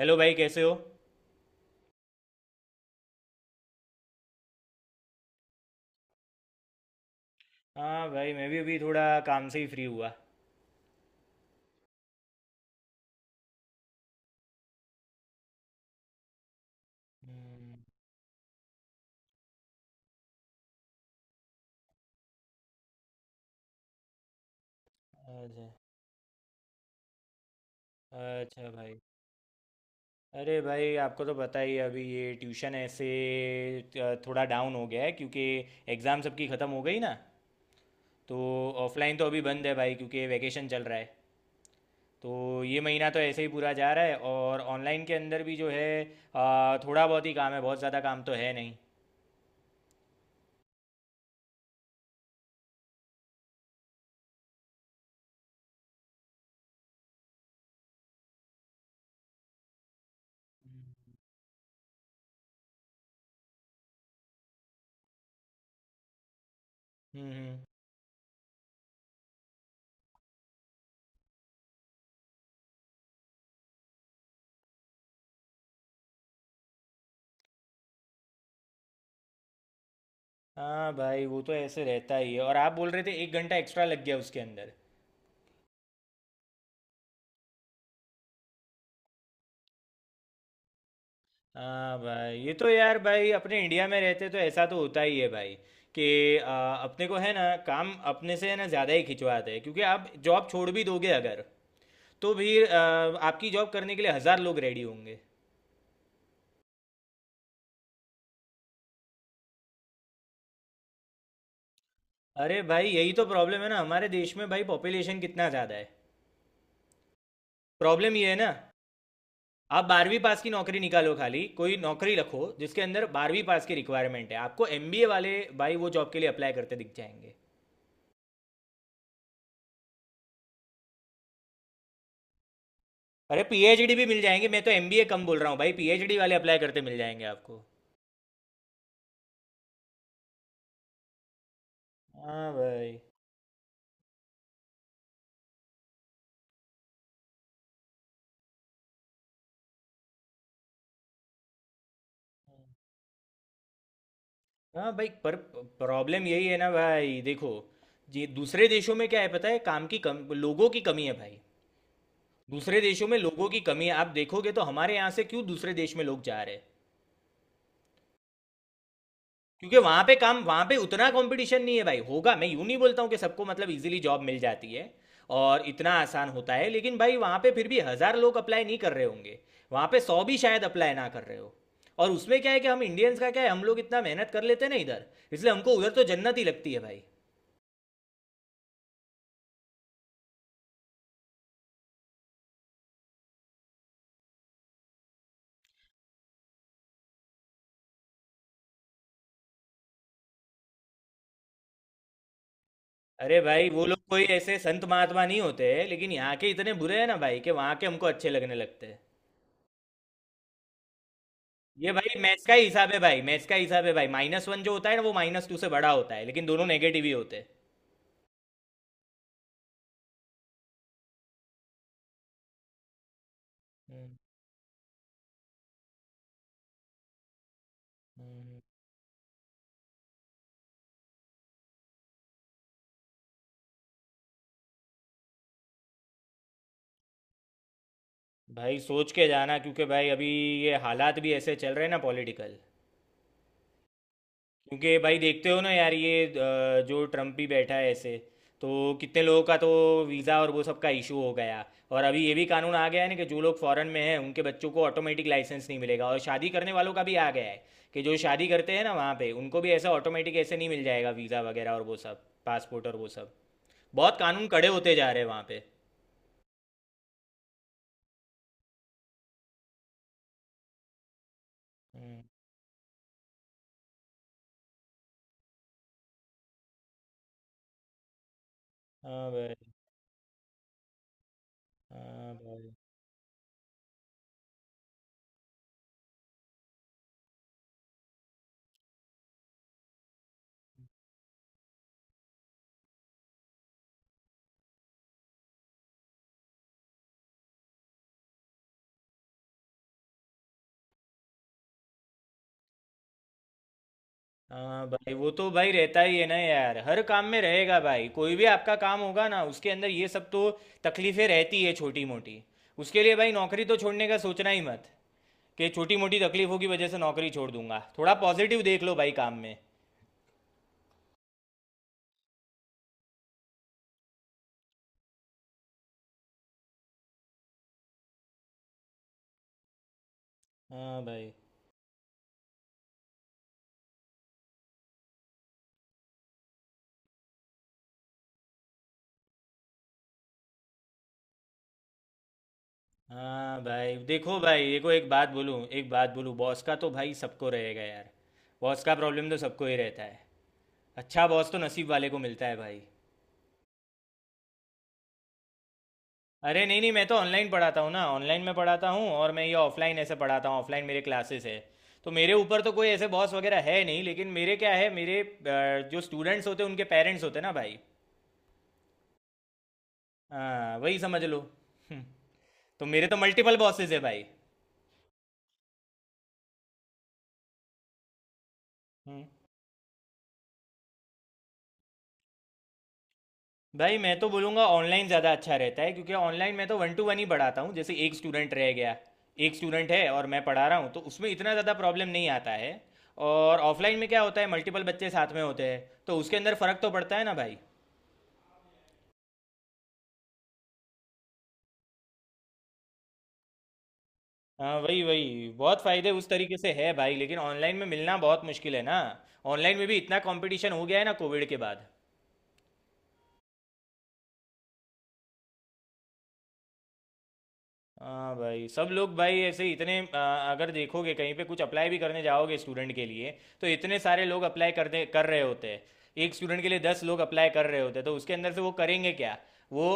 Hello भाई, कैसे हो? हाँ भाई, मैं भी अभी थोड़ा काम से ही फ्री हुआ। हम्म। अच्छा। अच्छा भाई। अरे भाई, आपको तो पता ही है अभी ये ट्यूशन ऐसे थोड़ा डाउन हो गया है, क्योंकि एग्ज़ाम सबकी ख़त्म हो गई ना। तो ऑफलाइन तो अभी बंद है भाई, क्योंकि वैकेशन चल रहा है। तो ये महीना तो ऐसे ही पूरा जा रहा है, और ऑनलाइन के अंदर भी जो है थोड़ा बहुत ही काम है, बहुत ज़्यादा काम तो है नहीं। हम्म हम्म। हाँ भाई, वो तो ऐसे रहता ही है। और आप बोल रहे थे 1 घंटा एक्स्ट्रा लग गया उसके अंदर। हाँ भाई, ये तो यार भाई अपने इंडिया में रहते तो ऐसा तो होता ही है भाई, कि अपने को है ना, काम अपने से है ना ज़्यादा ही खिंचवाते हैं, क्योंकि आप जॉब छोड़ भी दोगे अगर, तो फिर आपकी जॉब करने के लिए 1,000 लोग रेडी होंगे। अरे भाई, यही तो प्रॉब्लम है ना हमारे देश में भाई, पॉपुलेशन कितना ज़्यादा है। प्रॉब्लम ये है ना। आप 12वीं पास की नौकरी निकालो, खाली कोई नौकरी रखो जिसके अंदर 12वीं पास की रिक्वायरमेंट है, आपको एमबीए वाले भाई वो जॉब के लिए अप्लाई करते दिख जाएंगे। अरे पीएचडी भी मिल जाएंगे। मैं तो एमबीए कम बोल रहा हूँ भाई, पीएचडी वाले अप्लाई करते मिल जाएंगे आपको। हाँ भाई। हाँ भाई, पर प्रॉब्लम यही है ना भाई, देखो जी, दूसरे देशों में क्या है पता है? काम की कम, लोगों की कमी है भाई। दूसरे देशों में लोगों की कमी है। आप देखोगे तो हमारे यहाँ से क्यों दूसरे देश में लोग जा रहे हैं। क्योंकि वहां पे काम, वहां पे उतना कंपटीशन नहीं है भाई। होगा, मैं यूं नहीं बोलता हूँ कि सबको मतलब इजीली जॉब मिल जाती है और इतना आसान होता है, लेकिन भाई वहां पे फिर भी 1,000 लोग अप्लाई नहीं कर रहे होंगे। वहां पे 100 भी शायद अप्लाई ना कर रहे हो। और उसमें क्या है कि हम इंडियंस का क्या है, हम लोग इतना मेहनत कर लेते हैं ना इधर। इसलिए हमको उधर तो जन्नत ही लगती है भाई। अरे भाई, वो लोग कोई ऐसे संत महात्मा नहीं होते हैं, लेकिन यहाँ के इतने बुरे हैं ना भाई, कि वहाँ के हमको अच्छे लगने लगते हैं। ये भाई मैथ्स का ही हिसाब है भाई, मैथ्स का हिसाब है भाई। -1 जो होता है ना, वो -2 से बड़ा होता है, लेकिन दोनों नेगेटिव ही होते हैं। हम्म। भाई सोच के जाना, क्योंकि भाई अभी ये हालात भी ऐसे चल रहे हैं ना, पॉलिटिकल। क्योंकि भाई देखते हो ना यार ये जो ट्रम्प भी बैठा है ऐसे, तो कितने लोगों का तो वीज़ा और वो सब का इशू हो गया। और अभी ये भी कानून आ गया है ना कि जो लोग फॉरेन में हैं, उनके बच्चों को ऑटोमेटिक लाइसेंस नहीं मिलेगा, और शादी करने वालों का भी आ गया है। कि जो शादी करते हैं ना वहाँ पे, उनको भी ऐसा ऑटोमेटिक ऐसे नहीं मिल जाएगा वीज़ा वगैरह और वो सब, पासपोर्ट और वो सब। बहुत कानून कड़े होते जा रहे हैं वहाँ पे। हम्म। हाँ भाई। हाँ भाई। हाँ भाई, वो तो भाई रहता ही है ना यार। हर काम में रहेगा भाई, कोई भी आपका काम होगा ना, उसके अंदर ये सब तो तकलीफें रहती है छोटी मोटी। उसके लिए भाई नौकरी तो छोड़ने का सोचना ही मत, कि छोटी मोटी तकलीफों की वजह से नौकरी छोड़ दूंगा। थोड़ा पॉजिटिव देख लो भाई काम में। हाँ भाई। हाँ भाई, देखो भाई देखो, एक बात बोलूँ, एक बात बोलूँ, बॉस का तो भाई सबको रहेगा यार। बॉस का प्रॉब्लम तो सबको ही रहता है। अच्छा बॉस तो नसीब वाले को मिलता है भाई। अरे नहीं नहीं, मैं तो ऑनलाइन पढ़ाता हूँ ना, ऑनलाइन में पढ़ाता हूँ। और मैं ये ऑफलाइन ऐसे पढ़ाता हूँ, ऑफलाइन मेरे क्लासेस है। तो मेरे ऊपर तो कोई ऐसे बॉस वगैरह है नहीं, लेकिन मेरे क्या है, मेरे जो स्टूडेंट्स होते हैं उनके पेरेंट्स होते हैं ना भाई। हाँ वही समझ लो। हम्म। तो मेरे तो मल्टीपल बॉसेस है भाई। हम्म। भाई, मैं तो बोलूँगा ऑनलाइन ज़्यादा अच्छा रहता है, क्योंकि ऑनलाइन मैं तो वन टू वन ही पढ़ाता हूँ, जैसे एक स्टूडेंट रह गया, एक स्टूडेंट है और मैं पढ़ा रहा हूँ, तो उसमें इतना ज़्यादा प्रॉब्लम नहीं आता है। और ऑफलाइन में क्या होता है, मल्टीपल बच्चे साथ में होते हैं, तो उसके अंदर फ़र्क तो पड़ता है ना भाई। हाँ, वही वही बहुत फ़ायदे उस तरीके से है भाई, लेकिन ऑनलाइन में मिलना बहुत मुश्किल है ना। ऑनलाइन में भी इतना कंपटीशन हो गया है ना कोविड के बाद। हाँ भाई, सब लोग भाई ऐसे ही इतने अगर देखोगे कहीं पे कुछ अप्लाई भी करने जाओगे स्टूडेंट के लिए, तो इतने सारे लोग अप्लाई कर रहे होते हैं। एक स्टूडेंट के लिए 10 लोग अप्लाई कर रहे होते हैं, तो उसके अंदर से वो करेंगे क्या? वो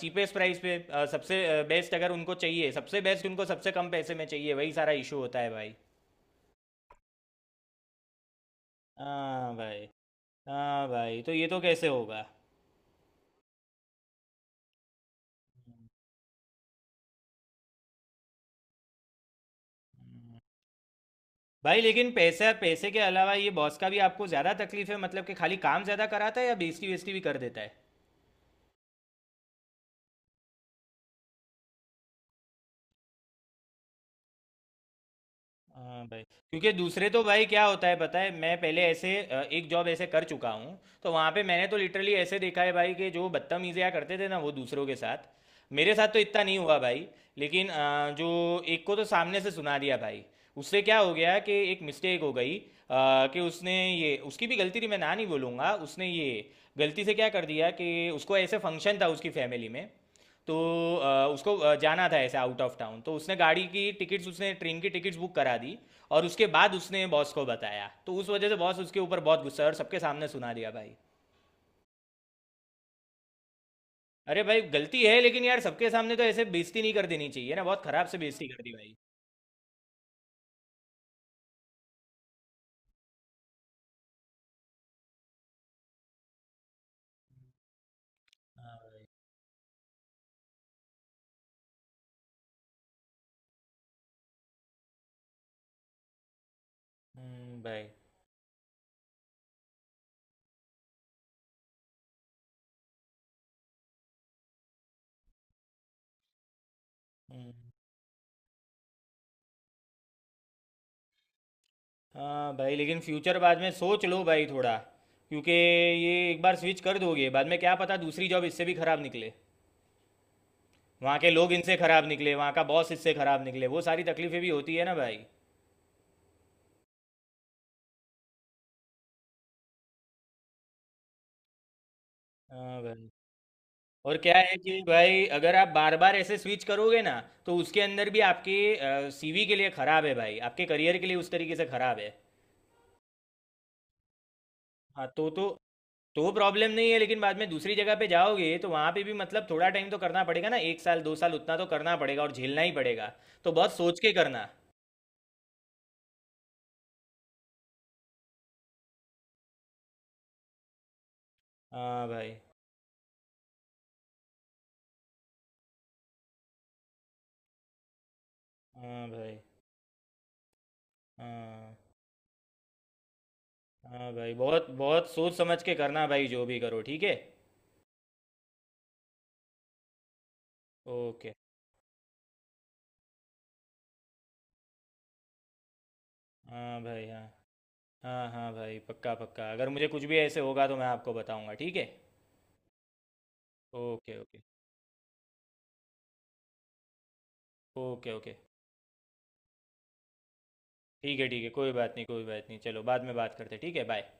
चीपेस्ट प्राइस पे सबसे बेस्ट अगर उनको चाहिए, सबसे बेस्ट उनको सबसे कम पैसे में चाहिए, वही सारा इशू होता है भाई। हाँ भाई। हाँ भाई, तो ये तो कैसे होगा? भाई, लेकिन पैसा पैसे के अलावा ये बॉस का भी आपको ज़्यादा तकलीफ है, मतलब कि खाली काम ज़्यादा कराता है, या बेइज्जती वेस्टी भी कर देता है। हाँ भाई। क्योंकि दूसरे तो भाई क्या होता है पता है, मैं पहले ऐसे एक जॉब ऐसे कर चुका हूँ, तो वहाँ पे मैंने तो लिटरली ऐसे देखा है भाई, कि जो बदतमीजियाँ करते थे ना वो दूसरों के साथ। मेरे साथ तो इतना नहीं हुआ भाई। लेकिन जो एक को तो सामने से सुना दिया भाई। उससे क्या हो गया कि एक मिस्टेक हो गई कि उसने ये, उसकी भी गलती थी मैं ना नहीं बोलूँगा, उसने ये गलती से क्या कर दिया कि उसको ऐसे फंक्शन था उसकी फैमिली में। तो उसको जाना था ऐसे आउट ऑफ टाउन, तो उसने गाड़ी की टिकट्स उसने ट्रेन की टिकट्स बुक करा दी। और उसके बाद उसने बॉस को बताया, तो उस वजह से बॉस उसके ऊपर बहुत गुस्सा है और सबके सामने सुना दिया भाई। अरे भाई गलती है, लेकिन यार सबके सामने तो ऐसे बेइज्जती नहीं कर देनी चाहिए ना, बहुत खराब से बेइज्जती कर दी भाई। हाँ। हम्म। भाई। हम्म। हाँ भाई, लेकिन फ्यूचर बाद में सोच लो भाई थोड़ा, क्योंकि ये एक बार स्विच कर दोगे, बाद में क्या पता दूसरी जॉब इससे भी खराब निकले, वहाँ के लोग इनसे खराब निकले, वहाँ का बॉस इससे खराब निकले, वो सारी तकलीफें भी होती है ना भाई। हाँ भाई। और क्या है कि भाई अगर आप बार बार ऐसे स्विच करोगे ना, तो उसके अंदर भी आपके सीवी के लिए खराब है भाई, आपके करियर के लिए उस तरीके से खराब है। हाँ, तो प्रॉब्लम नहीं है, लेकिन बाद में दूसरी जगह पे जाओगे तो वहाँ पे भी मतलब थोड़ा टाइम तो करना पड़ेगा ना, 1 साल 2 साल उतना तो करना पड़ेगा और झेलना ही पड़ेगा। तो बहुत सोच के करना। हाँ भाई। हाँ भाई। हाँ। हाँ भाई, बहुत बहुत सोच समझ के करना भाई, जो भी करो, ठीक है। ओके। हाँ भाई। हाँ हाँ। हाँ भाई, पक्का पक्का, अगर मुझे कुछ भी ऐसे होगा तो मैं आपको बताऊंगा, ठीक है। Okay okay. Okay okay. ठीक है ठीक है, कोई बात नहीं कोई बात नहीं, चलो बाद में बात करते हैं, ठीक है, बाय।